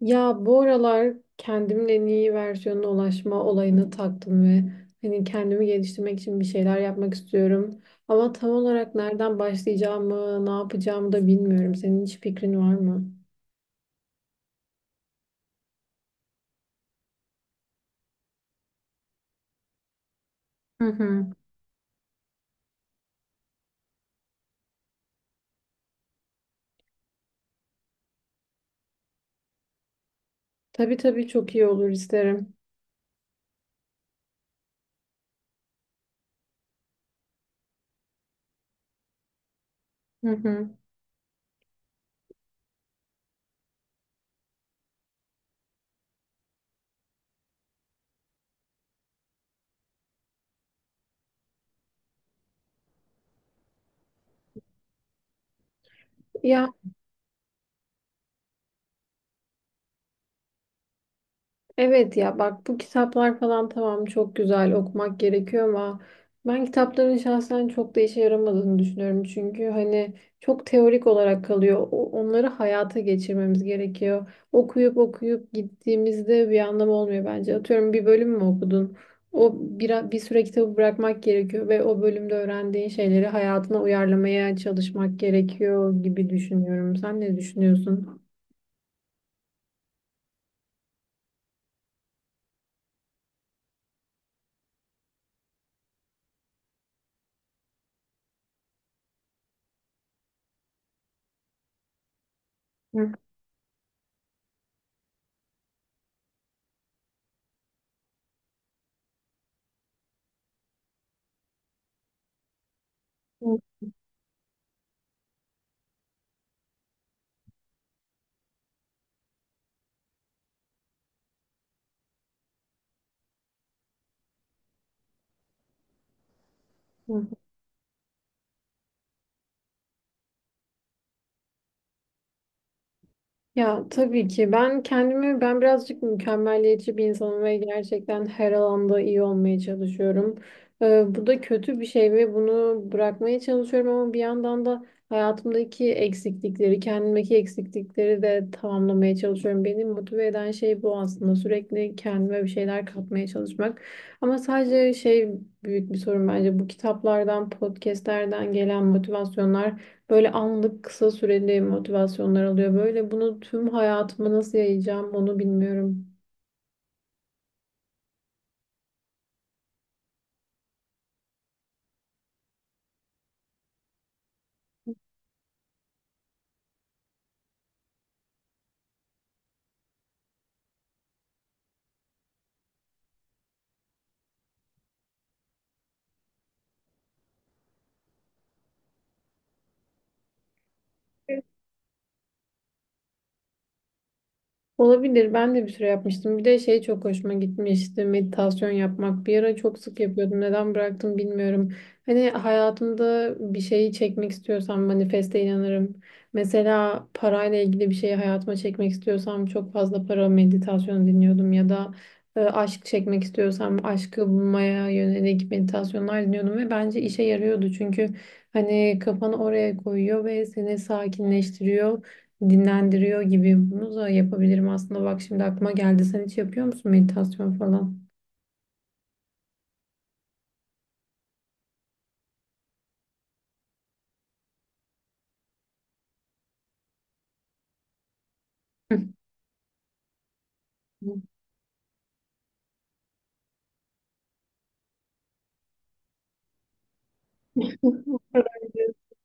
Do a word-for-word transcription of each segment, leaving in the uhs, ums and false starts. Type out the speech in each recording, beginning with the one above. Ya bu aralar kendimin en iyi versiyonuna ulaşma olayına taktım ve hani kendimi geliştirmek için bir şeyler yapmak istiyorum. Ama tam olarak nereden başlayacağımı, ne yapacağımı da bilmiyorum. Senin hiç fikrin var mı? Hı hı. Tabii tabii, çok iyi olur, isterim. Hı hı. Ya, evet ya, bak bu kitaplar falan tamam, çok güzel, okumak gerekiyor ama ben kitapların şahsen çok da işe yaramadığını düşünüyorum. Çünkü hani çok teorik olarak kalıyor. O- Onları hayata geçirmemiz gerekiyor. Okuyup okuyup gittiğimizde bir anlamı olmuyor bence. Atıyorum, bir bölüm mü okudun? O bir, bir süre kitabı bırakmak gerekiyor ve o bölümde öğrendiğin şeyleri hayatına uyarlamaya çalışmak gerekiyor gibi düşünüyorum. Sen ne düşünüyorsun? Hı, hı, ya tabii ki, ben kendimi ben birazcık mükemmeliyetçi bir insanım ve gerçekten her alanda iyi olmaya çalışıyorum. Ee, bu da kötü bir şey ve bunu bırakmaya çalışıyorum ama bir yandan da hayatımdaki eksiklikleri, kendimdeki eksiklikleri de tamamlamaya çalışıyorum. Beni motive eden şey bu aslında. Sürekli kendime bir şeyler katmaya çalışmak. Ama sadece şey, büyük bir sorun bence bu kitaplardan, podcastlerden gelen motivasyonlar. Böyle anlık, kısa süreli motivasyonlar alıyor. Böyle bunu tüm hayatıma nasıl yayacağım onu bilmiyorum. Olabilir. Ben de bir süre yapmıştım. Bir de şey çok hoşuma gitmişti: meditasyon yapmak. Bir ara çok sık yapıyordum. Neden bıraktım bilmiyorum. Hani hayatımda bir şeyi çekmek istiyorsam manifeste inanırım. Mesela parayla ilgili bir şeyi hayatıma çekmek istiyorsam çok fazla para meditasyonu dinliyordum. Ya da e, aşk çekmek istiyorsam aşkı bulmaya yönelik meditasyonlar dinliyordum. Ve bence işe yarıyordu. Çünkü hani kafanı oraya koyuyor ve seni sakinleştiriyor, dinlendiriyor gibi. Bunu da yapabilirim aslında. Bak şimdi aklıma geldi. Sen hiç yapıyor musun meditasyon falan?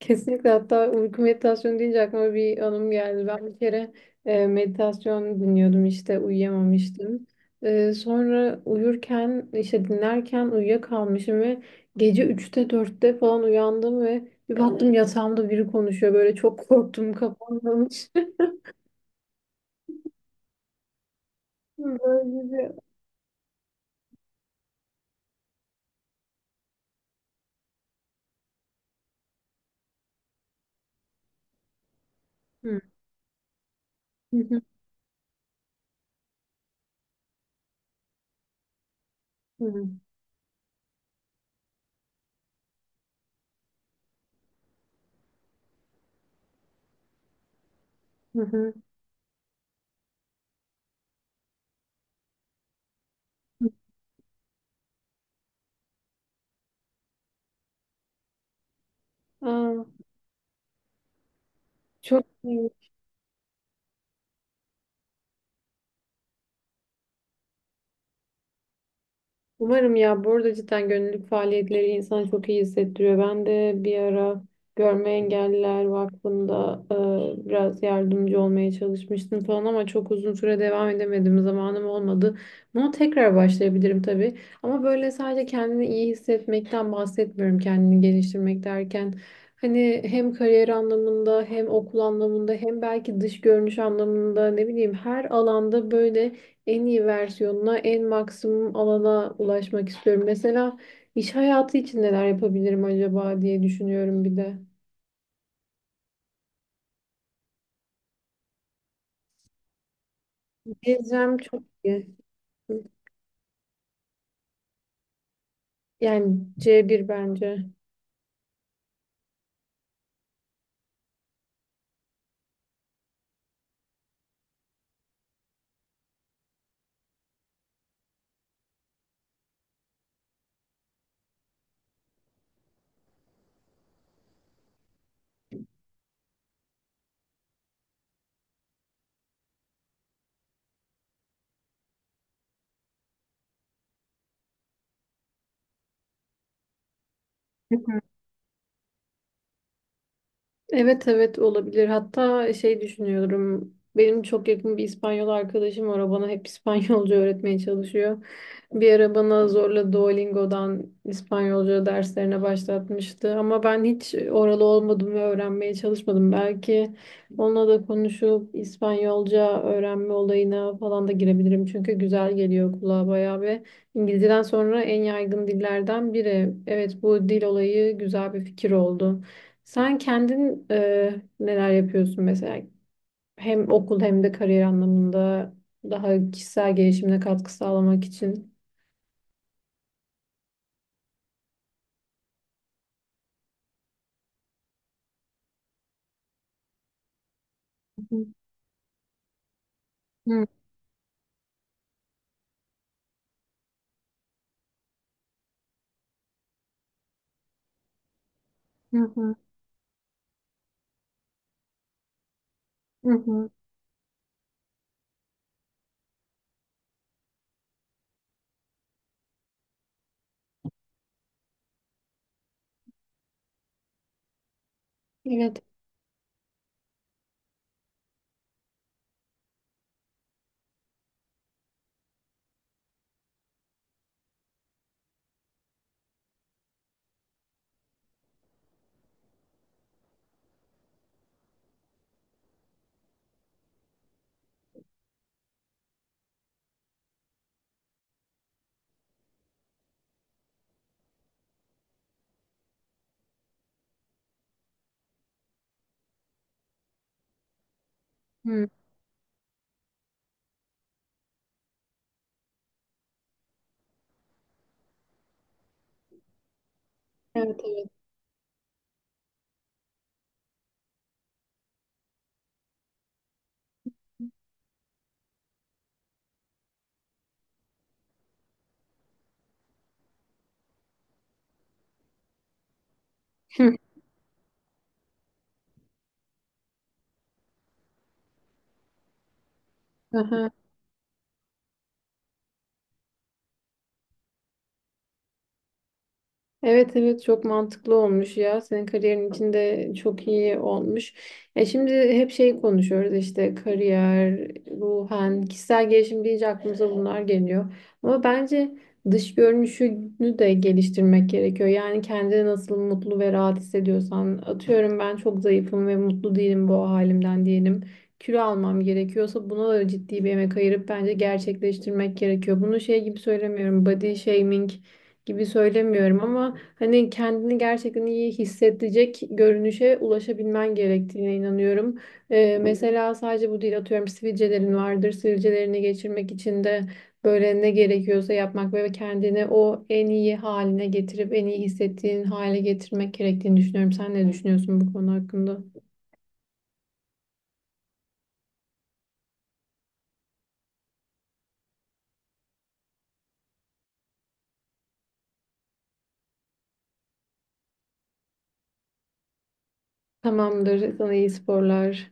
Kesinlikle. Hatta uyku meditasyonu deyince aklıma bir anım geldi. Ben bir kere e, meditasyon dinliyordum işte, uyuyamamıştım. E, sonra uyurken, işte dinlerken uyuyakalmışım ve gece üçte dörtte falan uyandım ve bir baktım yatağımda biri konuşuyor. Böyle çok korktum, kapanmamış. Böyle bir... Hı. Hı hı. Hı. Hı. Aa, çok iyi. Umarım ya. Bu arada cidden gönüllülük faaliyetleri insanı çok iyi hissettiriyor. Ben de bir ara Görme Engelliler Vakfı'nda e, biraz yardımcı olmaya çalışmıştım falan ama çok uzun süre devam edemedim. Zamanım olmadı. Bunu tekrar başlayabilirim tabii. Ama böyle sadece kendini iyi hissetmekten bahsetmiyorum. Kendini geliştirmek derken hani hem kariyer anlamında, hem okul anlamında, hem belki dış görünüş anlamında, ne bileyim, her alanda böyle en iyi versiyonuna, en maksimum alana ulaşmak istiyorum. Mesela iş hayatı için neler yapabilirim acaba diye düşünüyorum bir de. Gezem çok iyi. Yani C bir bence. Evet evet, olabilir. Hatta şey düşünüyorum. Benim çok yakın bir İspanyol arkadaşım var. O bana hep İspanyolca öğretmeye çalışıyor. Bir ara bana zorla Duolingo'dan İspanyolca derslerine başlatmıştı. Ama ben hiç oralı olmadım ve öğrenmeye çalışmadım. Belki onunla da konuşup İspanyolca öğrenme olayına falan da girebilirim. Çünkü güzel geliyor kulağa bayağı ve İngilizceden sonra en yaygın dillerden biri. Evet, bu dil olayı güzel bir fikir oldu. Sen kendin e, neler yapıyorsun mesela? Hem okul hem de kariyer anlamında, daha kişisel gelişimine katkı sağlamak için. Hı hı, hı hı. Hı hı. Evet. Hı. Evet evet. Hı. Aha. Evet evet, çok mantıklı olmuş ya. Senin kariyerin içinde çok iyi olmuş. E şimdi hep şey konuşuyoruz, işte kariyer, ruhen, kişisel gelişim deyince aklımıza bunlar geliyor. Ama bence dış görünüşünü de geliştirmek gerekiyor. Yani kendini nasıl mutlu ve rahat hissediyorsan, atıyorum ben çok zayıfım ve mutlu değilim bu halimden diyelim. Kilo almam gerekiyorsa buna da ciddi bir emek ayırıp bence gerçekleştirmek gerekiyor. Bunu şey gibi söylemiyorum, body shaming gibi söylemiyorum ama hani kendini gerçekten iyi hissedecek görünüşe ulaşabilmen gerektiğine inanıyorum. Ee, mesela sadece bu değil, atıyorum sivilcelerin vardır. Sivilcelerini geçirmek için de böyle ne gerekiyorsa yapmak ve kendini o en iyi haline getirip en iyi hissettiğin hale getirmek gerektiğini düşünüyorum. Sen ne düşünüyorsun bu konu hakkında? Tamamdır. Sana iyi sporlar.